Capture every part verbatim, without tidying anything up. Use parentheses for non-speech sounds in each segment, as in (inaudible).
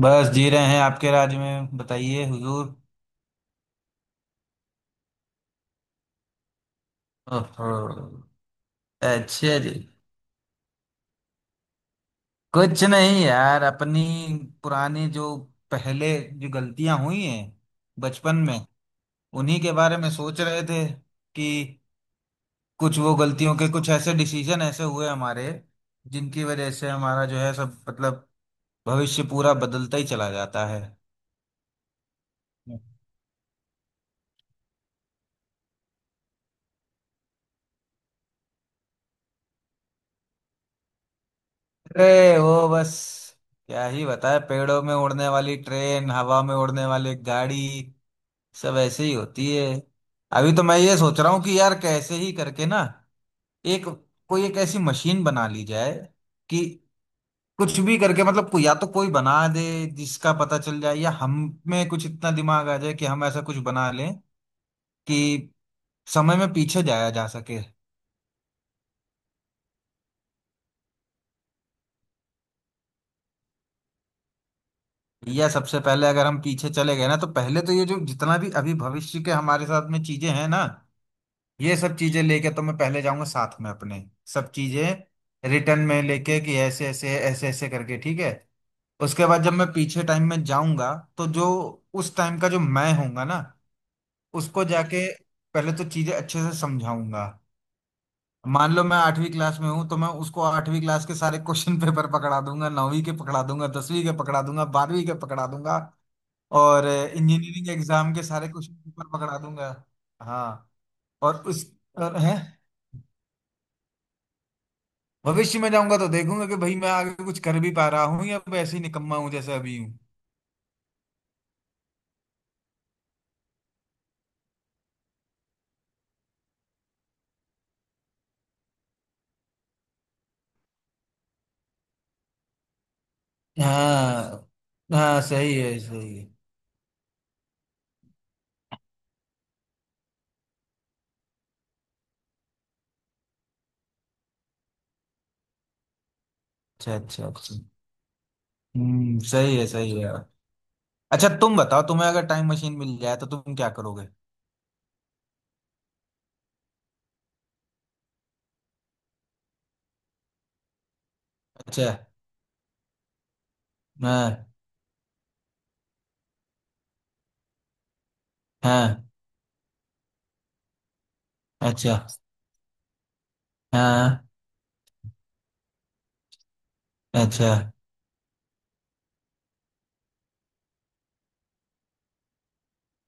बस जी रहे हैं आपके राज में। बताइए हुजूर। ओहो। अच्छा जी। कुछ नहीं यार, अपनी पुरानी जो पहले जो गलतियां हुई हैं बचपन में उन्हीं के बारे में सोच रहे थे कि कुछ वो गलतियों के, कुछ ऐसे डिसीजन ऐसे हुए हमारे जिनकी वजह से हमारा जो है सब मतलब भविष्य पूरा बदलता ही चला जाता है। अरे वो बस क्या ही बताए, पेड़ों में उड़ने वाली ट्रेन, हवा में उड़ने वाली गाड़ी, सब ऐसे ही होती है। अभी तो मैं ये सोच रहा हूँ कि यार कैसे ही करके ना एक कोई एक ऐसी मशीन बना ली जाए कि कुछ भी करके मतलब को- या तो कोई बना दे जिसका पता चल जाए, या हम में कुछ इतना दिमाग आ जाए कि हम ऐसा कुछ बना लें कि समय में पीछे जाया जा सके। या सबसे पहले अगर हम पीछे चले गए ना तो पहले तो ये जो जितना भी अभी भविष्य के हमारे साथ में चीजें हैं ना, ये सब चीजें लेके तो मैं पहले जाऊंगा साथ में अपने, सब चीजें रिटर्न में लेके कि ऐसे ऐसे ऐसे ऐसे करके, ठीक है। उसके बाद जब मैं पीछे टाइम में जाऊंगा तो जो उस टाइम का जो मैं होऊंगा ना, उसको जाके पहले तो चीजें अच्छे से समझाऊंगा। मान लो मैं आठवीं क्लास में हूं तो मैं उसको आठवीं क्लास के सारे क्वेश्चन (laughs) पेपर पकड़ा दूंगा, नौवीं के पकड़ा दूंगा, दसवीं के पकड़ा दूंगा, बारहवीं के पकड़ा दूंगा और इंजीनियरिंग एग्जाम के सारे क्वेश्चन पेपर पकड़ा दूंगा। हाँ। और उस और है भविष्य में जाऊंगा तो देखूंगा कि भाई मैं आगे कुछ कर भी पा रहा हूँ या वैसे ही निकम्मा हूँ जैसा अभी हूँ। हाँ हाँ, सही है सही है। अच्छा अच्छा अच्छा। हम्म, सही है सही है। अच्छा, तुम बताओ, तुम्हें अगर टाइम मशीन मिल जाए तो तुम क्या करोगे? अच्छा। हाँ हाँ। अच्छा। हाँ। अच्छा।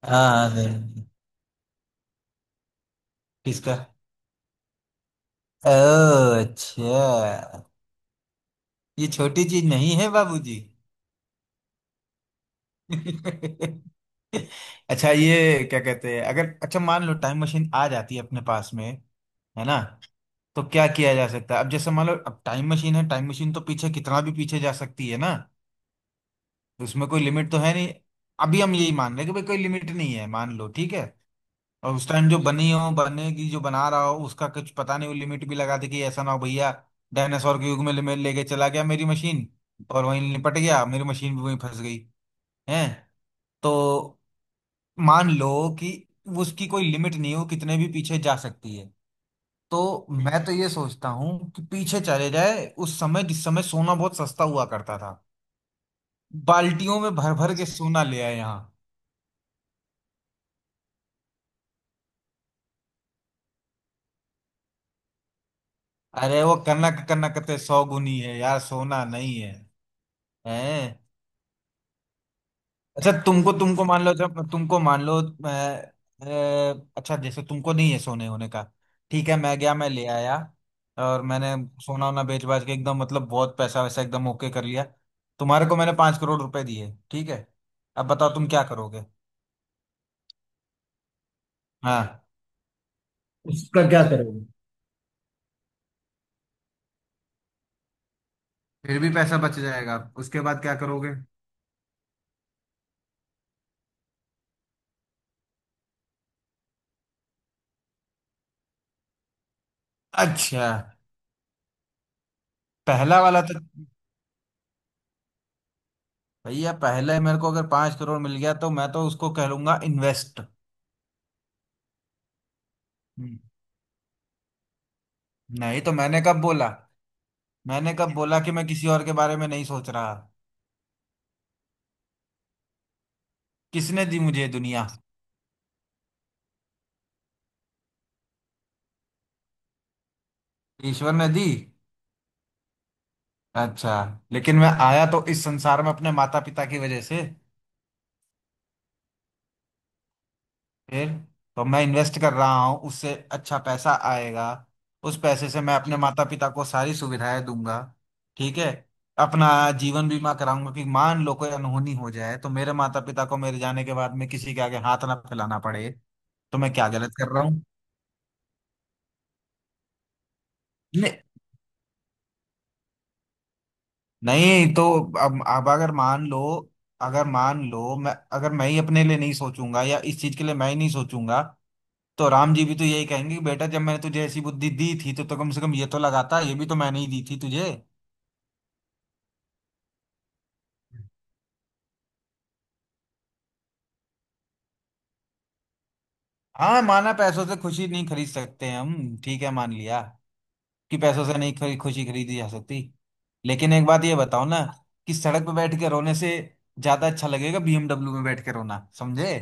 हाँ नहीं, किसका? ओ, अच्छा। ये छोटी चीज नहीं है बाबूजी। (laughs) अच्छा, ये क्या कहते हैं, अगर, अच्छा मान लो टाइम मशीन आ जाती है अपने पास में, है ना? तो क्या किया जा सकता है? अब जैसे मान लो अब टाइम मशीन है, टाइम मशीन तो पीछे, कितना भी पीछे जा सकती है ना, तो उसमें कोई लिमिट तो है नहीं। अभी हम यही मान रहे हैं कि भाई कोई लिमिट नहीं है, मान लो ठीक है। और उस टाइम जो बनी हो बनेगी, जो बना रहा हो उसका कुछ पता नहीं, वो लिमिट भी लगा दे कि ऐसा ना हो भैया डायनासोर के युग में ले लेके चला गया मेरी मशीन, और वहीं निपट गया, मेरी मशीन भी वहीं फंस गई है। तो मान लो कि उसकी कोई लिमिट नहीं हो, कितने भी पीछे जा सकती है। तो मैं तो ये सोचता हूँ कि पीछे चले जाए उस समय, जिस समय सोना बहुत सस्ता हुआ करता था, बाल्टियों में भर भर के सोना ले आए यहाँ। अरे वो कनक कनक ते सौगुनी है यार, सोना नहीं है। हैं। अच्छा तुमको, तुमको मान लो, जब तुमको मान लो अ, अ, अच्छा जैसे तुमको नहीं है सोने होने का, ठीक है, मैं गया, मैं ले आया और मैंने सोना वोना बेच बाच के एकदम मतलब बहुत पैसा वैसा एकदम ओके कर लिया। तुम्हारे को मैंने पांच करोड़ रुपए दिए, ठीक है, अब बताओ तुम क्या करोगे। हाँ। उसका क्या करोगे? फिर भी पैसा बच जाएगा, उसके बाद क्या करोगे? अच्छा। पहला वाला तो भैया, पहले मेरे को अगर पांच करोड़ मिल गया तो मैं तो उसको कह लूंगा इन्वेस्ट। हम्म। नहीं तो, मैंने कब बोला? मैंने कब बोला कि मैं किसी और के बारे में नहीं सोच रहा? किसने दी मुझे ये दुनिया? ईश्वर ने दी? अच्छा। लेकिन मैं आया तो इस संसार में अपने माता पिता की वजह से। फिर, तो मैं इन्वेस्ट कर रहा हूँ, उससे अच्छा पैसा आएगा। उस पैसे से मैं अपने माता पिता को सारी सुविधाएं दूंगा, ठीक है। अपना जीवन बीमा कराऊंगा कि मान लो कोई अनहोनी हो जाए तो मेरे माता पिता को मेरे जाने के बाद में किसी के आगे हाथ ना फैलाना पड़े। तो मैं क्या गलत कर रहा हूँ? नहीं तो। अब अब अगर मान लो, अगर मान लो मैं, अगर मैं ही अपने लिए नहीं सोचूंगा, या इस चीज के लिए मैं ही नहीं सोचूंगा, तो राम जी भी तो यही कहेंगे कि बेटा जब मैंने तुझे ऐसी बुद्धि दी थी तो, तो कम से कम ये तो लगाता, ये भी तो मैंने ही दी थी तुझे। हाँ, माना पैसों से खुशी नहीं खरीद सकते हम, ठीक है मान लिया कि पैसों से नहीं खरी, खुशी खरीदी जा सकती, लेकिन एक बात ये बताओ ना, कि सड़क पे बैठ के रोने से ज्यादा अच्छा लगेगा बीएमडब्ल्यू में बैठ के रोना, समझे?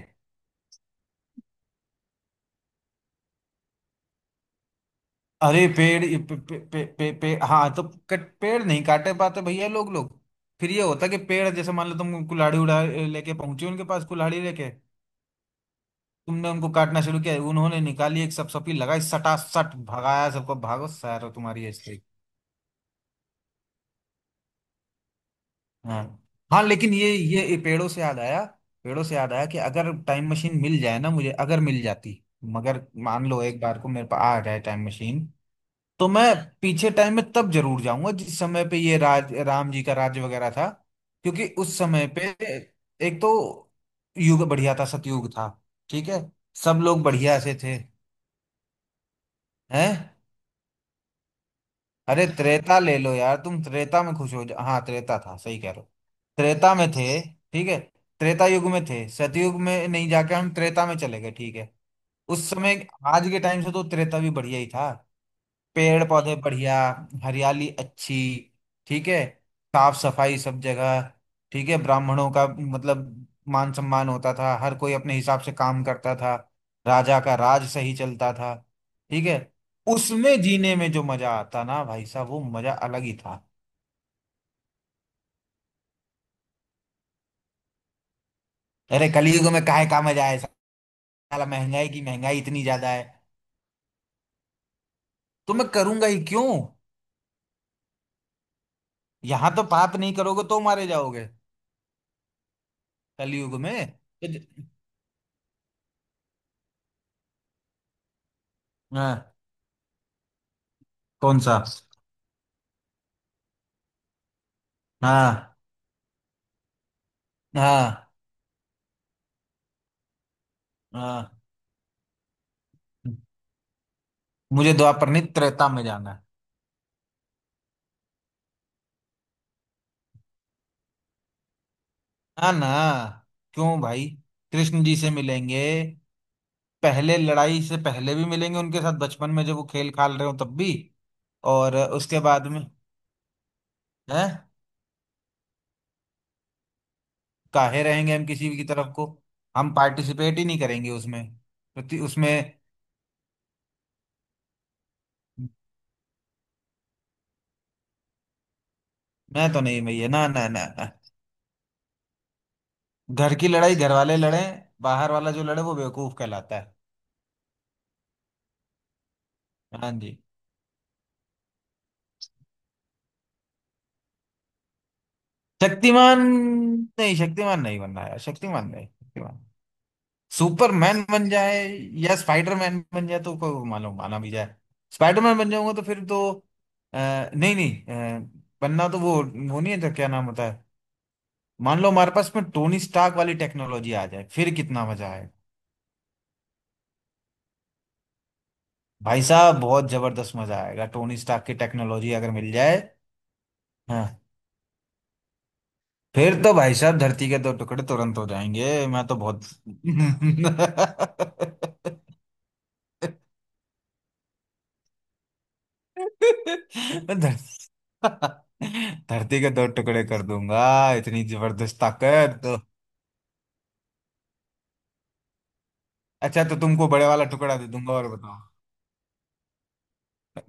अरे पेड़ ये पे, पे, पे, पे, पे, हाँ तो, कट पेड़ नहीं काटे पाते भैया, लोग लोग फिर ये होता कि पेड़ जैसे मान लो तुम कुल्हाड़ी उड़ा लेके पहुंचे उनके पास, कुल्हाड़ी लेके तुमने उनको काटना शुरू किया, उन्होंने निकाली एक सपसपी लगाई सटासट, भगाया सबको, भागो सैर हो तुम्हारी ऐसे ही। हाँ। हाँ लेकिन ये ये ये पेड़ों से याद आया, पेड़ों से याद आया कि अगर टाइम मशीन मिल जाए ना मुझे, अगर मिल जाती, मगर मान लो एक बार को मेरे पास आ जाए टाइम मशीन, तो मैं पीछे टाइम में तब जरूर जाऊंगा जिस समय पे ये राज राम जी का राज्य वगैरह था, क्योंकि उस समय पे एक तो युग बढ़िया था, सतयुग था, ठीक है, सब लोग बढ़िया से थे। हैं। अरे त्रेता ले लो यार तुम, त्रेता में खुश हो जा, हाँ त्रेता था, सही कह रहे हो। त्रेता में थे, ठीक है, त्रेता युग में थे, सतयुग में नहीं, जाके हम त्रेता में चले गए, ठीक है। उस समय, आज के टाइम से तो त्रेता भी बढ़िया ही था, पेड़ पौधे बढ़िया, हरियाली अच्छी, ठीक है, साफ सफाई सब जगह, ठीक है, ब्राह्मणों का मतलब मान सम्मान होता था, हर कोई अपने हिसाब से काम करता था, राजा का राज सही चलता था, ठीक है, उसमें जीने में जो मजा आता ना भाई साहब, वो मजा अलग ही था। अरे कलयुग में काहे का मजा है, साला महंगाई की, महंगाई इतनी ज्यादा है, तो मैं करूंगा ही क्यों, यहाँ तो पाप नहीं करोगे तो मारे जाओगे कलयुग में। हाँ। कौन सा? हाँ हाँ हाँ। मुझे द्वापरनी त्रेता में जाना है। हाँ ना, क्यों भाई, कृष्ण जी से मिलेंगे, पहले लड़ाई से पहले भी मिलेंगे उनके साथ बचपन में जब वो खेल खाल रहे हो तब भी, और उसके बाद में है। काहे रहेंगे हम किसी भी की तरफ को, हम पार्टिसिपेट ही नहीं करेंगे उसमें। प्रति उसमें मैं तो नहीं भैया, ना ना ना ना, घर की लड़ाई घर वाले लड़े, बाहर वाला जो लड़े वो बेवकूफ कहलाता है। हाँ जी। शक्तिमान? नहीं शक्तिमान नहीं बनना यार, शक्तिमान नहीं, शक्तिमान, सुपरमैन बन जाए या स्पाइडरमैन बन जाए तो कोई मालूम माना भी जाए। स्पाइडरमैन बन जाऊंगा तो फिर तो अ, नहीं नहीं, अ, बनना तो वो वो नहीं है तो क्या नाम होता है, मान लो हमारे पास में टोनी स्टार्क वाली टेक्नोलॉजी आ जाए फिर कितना मजा आएगा। भाई साहब बहुत जबरदस्त मजा आएगा टोनी स्टार्क की टेक्नोलॉजी अगर मिल जाए। हाँ, फिर तो भाई साहब धरती के दो टुकड़े तुरंत हो जाएंगे, मैं तो बहुत (laughs) धर- (laughs) धरती के दो टुकड़े कर दूंगा, इतनी जबरदस्त ताकत। अच्छा, तो तुमको बड़े वाला टुकड़ा दे दूंगा, और बताओ।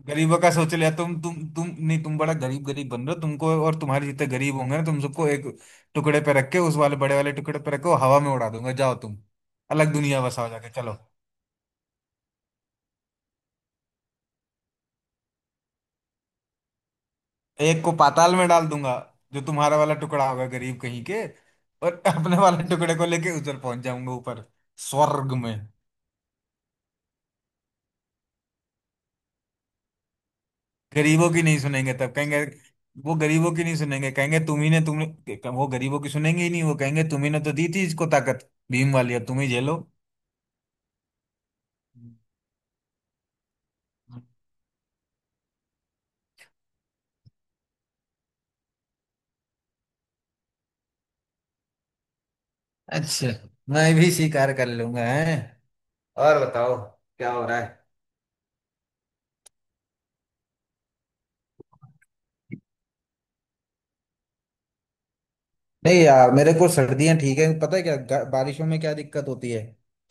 गरीबों का सोच लिया, तुम तुम तुम नहीं, तुम बड़ा गरीब गरीब बन रहे हो, तुमको और तुम्हारे जितने गरीब होंगे ना, तुम सबको एक टुकड़े पे रख के, उस वाले बड़े वाले टुकड़े पे रखो, हवा में उड़ा दूंगा, जाओ तुम अलग दुनिया बसाओ जाके, चलो। एक को पाताल में डाल दूंगा, जो तुम्हारा वाला टुकड़ा होगा गरीब कहीं के, और अपने वाले टुकड़े को लेके उधर पहुंच जाऊंगा ऊपर, स्वर्ग में। गरीबों की नहीं सुनेंगे तब कहेंगे, वो गरीबों की नहीं सुनेंगे, कहेंगे तुम ही ने तुम, वो गरीबों की सुनेंगे ही नहीं, वो कहेंगे तुम ही ने तो दी थी इसको ताकत भीम वाली, अब तुम ही झेलो। अच्छा। मैं भी स्वीकार कर लूंगा है। और बताओ, क्या हो रहा है? नहीं यार मेरे को सर्दियां ठीक है, पता है क्या ग- बारिशों में क्या दिक्कत होती है,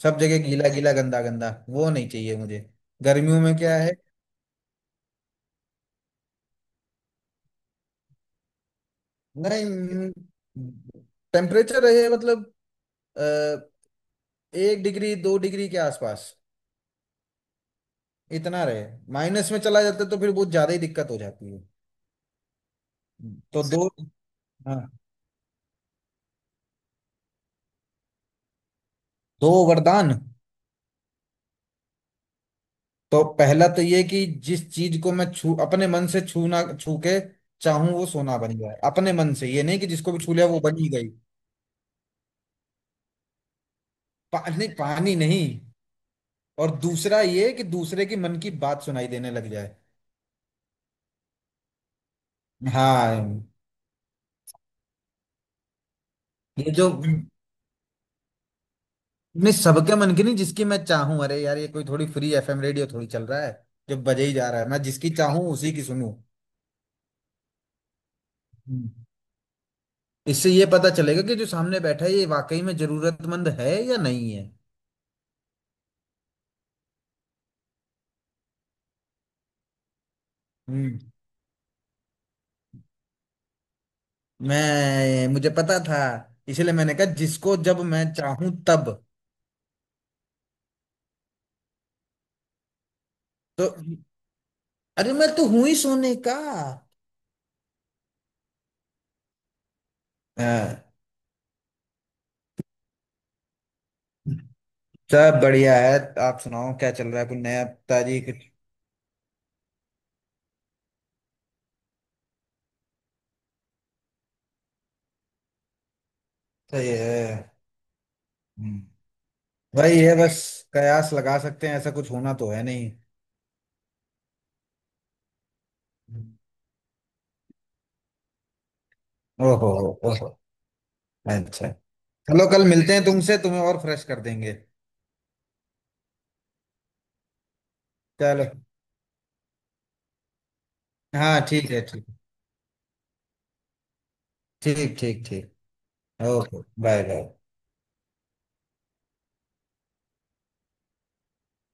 सब जगह गीला गीला गंदा गंदा, वो नहीं चाहिए मुझे। गर्मियों में क्या है? नहीं टेम्परेचर रहे मतलब अ, एक डिग्री दो डिग्री के आसपास इतना रहे, माइनस में चला जाता है तो फिर बहुत ज्यादा ही दिक्कत हो जाती है। तो दो? हाँ, दो वरदान। तो पहला तो ये कि जिस चीज को मैं छू अपने मन से, छूना, छू के चाहूं वो सोना बन जाए, अपने मन से, ये नहीं कि जिसको भी छू लिया वो बन ही गई। पानी, पानी नहीं। और दूसरा ये कि दूसरे के मन की बात सुनाई देने लग जाए। हाँ। ये जो नहीं सबके मन की नहीं, जिसकी मैं चाहूं, अरे यार ये कोई थोड़ी फ्री एफएम रेडियो थोड़ी चल रहा है जो बजे ही जा रहा है, मैं जिसकी चाहूं उसी की सुनूं, इससे ये पता चलेगा कि जो सामने बैठा है ये वाकई में जरूरतमंद है या नहीं है। हम्म। मैं मुझे पता था, इसलिए मैंने कहा जिसको जब मैं चाहूं तब। तो अरे मैं तो हूं ही सोने का। हाँ, सब बढ़िया है। आप सुनाओ क्या चल रहा है, कोई नया ताजी कुछ? सही है। हम्म, वही है बस, कयास लगा सकते हैं, ऐसा कुछ होना तो है नहीं। ओहो। ओहो। अच्छा, चलो कल मिलते हैं तुमसे, तुम्हें और फ्रेश कर देंगे। चलो। हाँ ठीक है, ठीक ठीक ठीक ठीक। Okay, bye bye.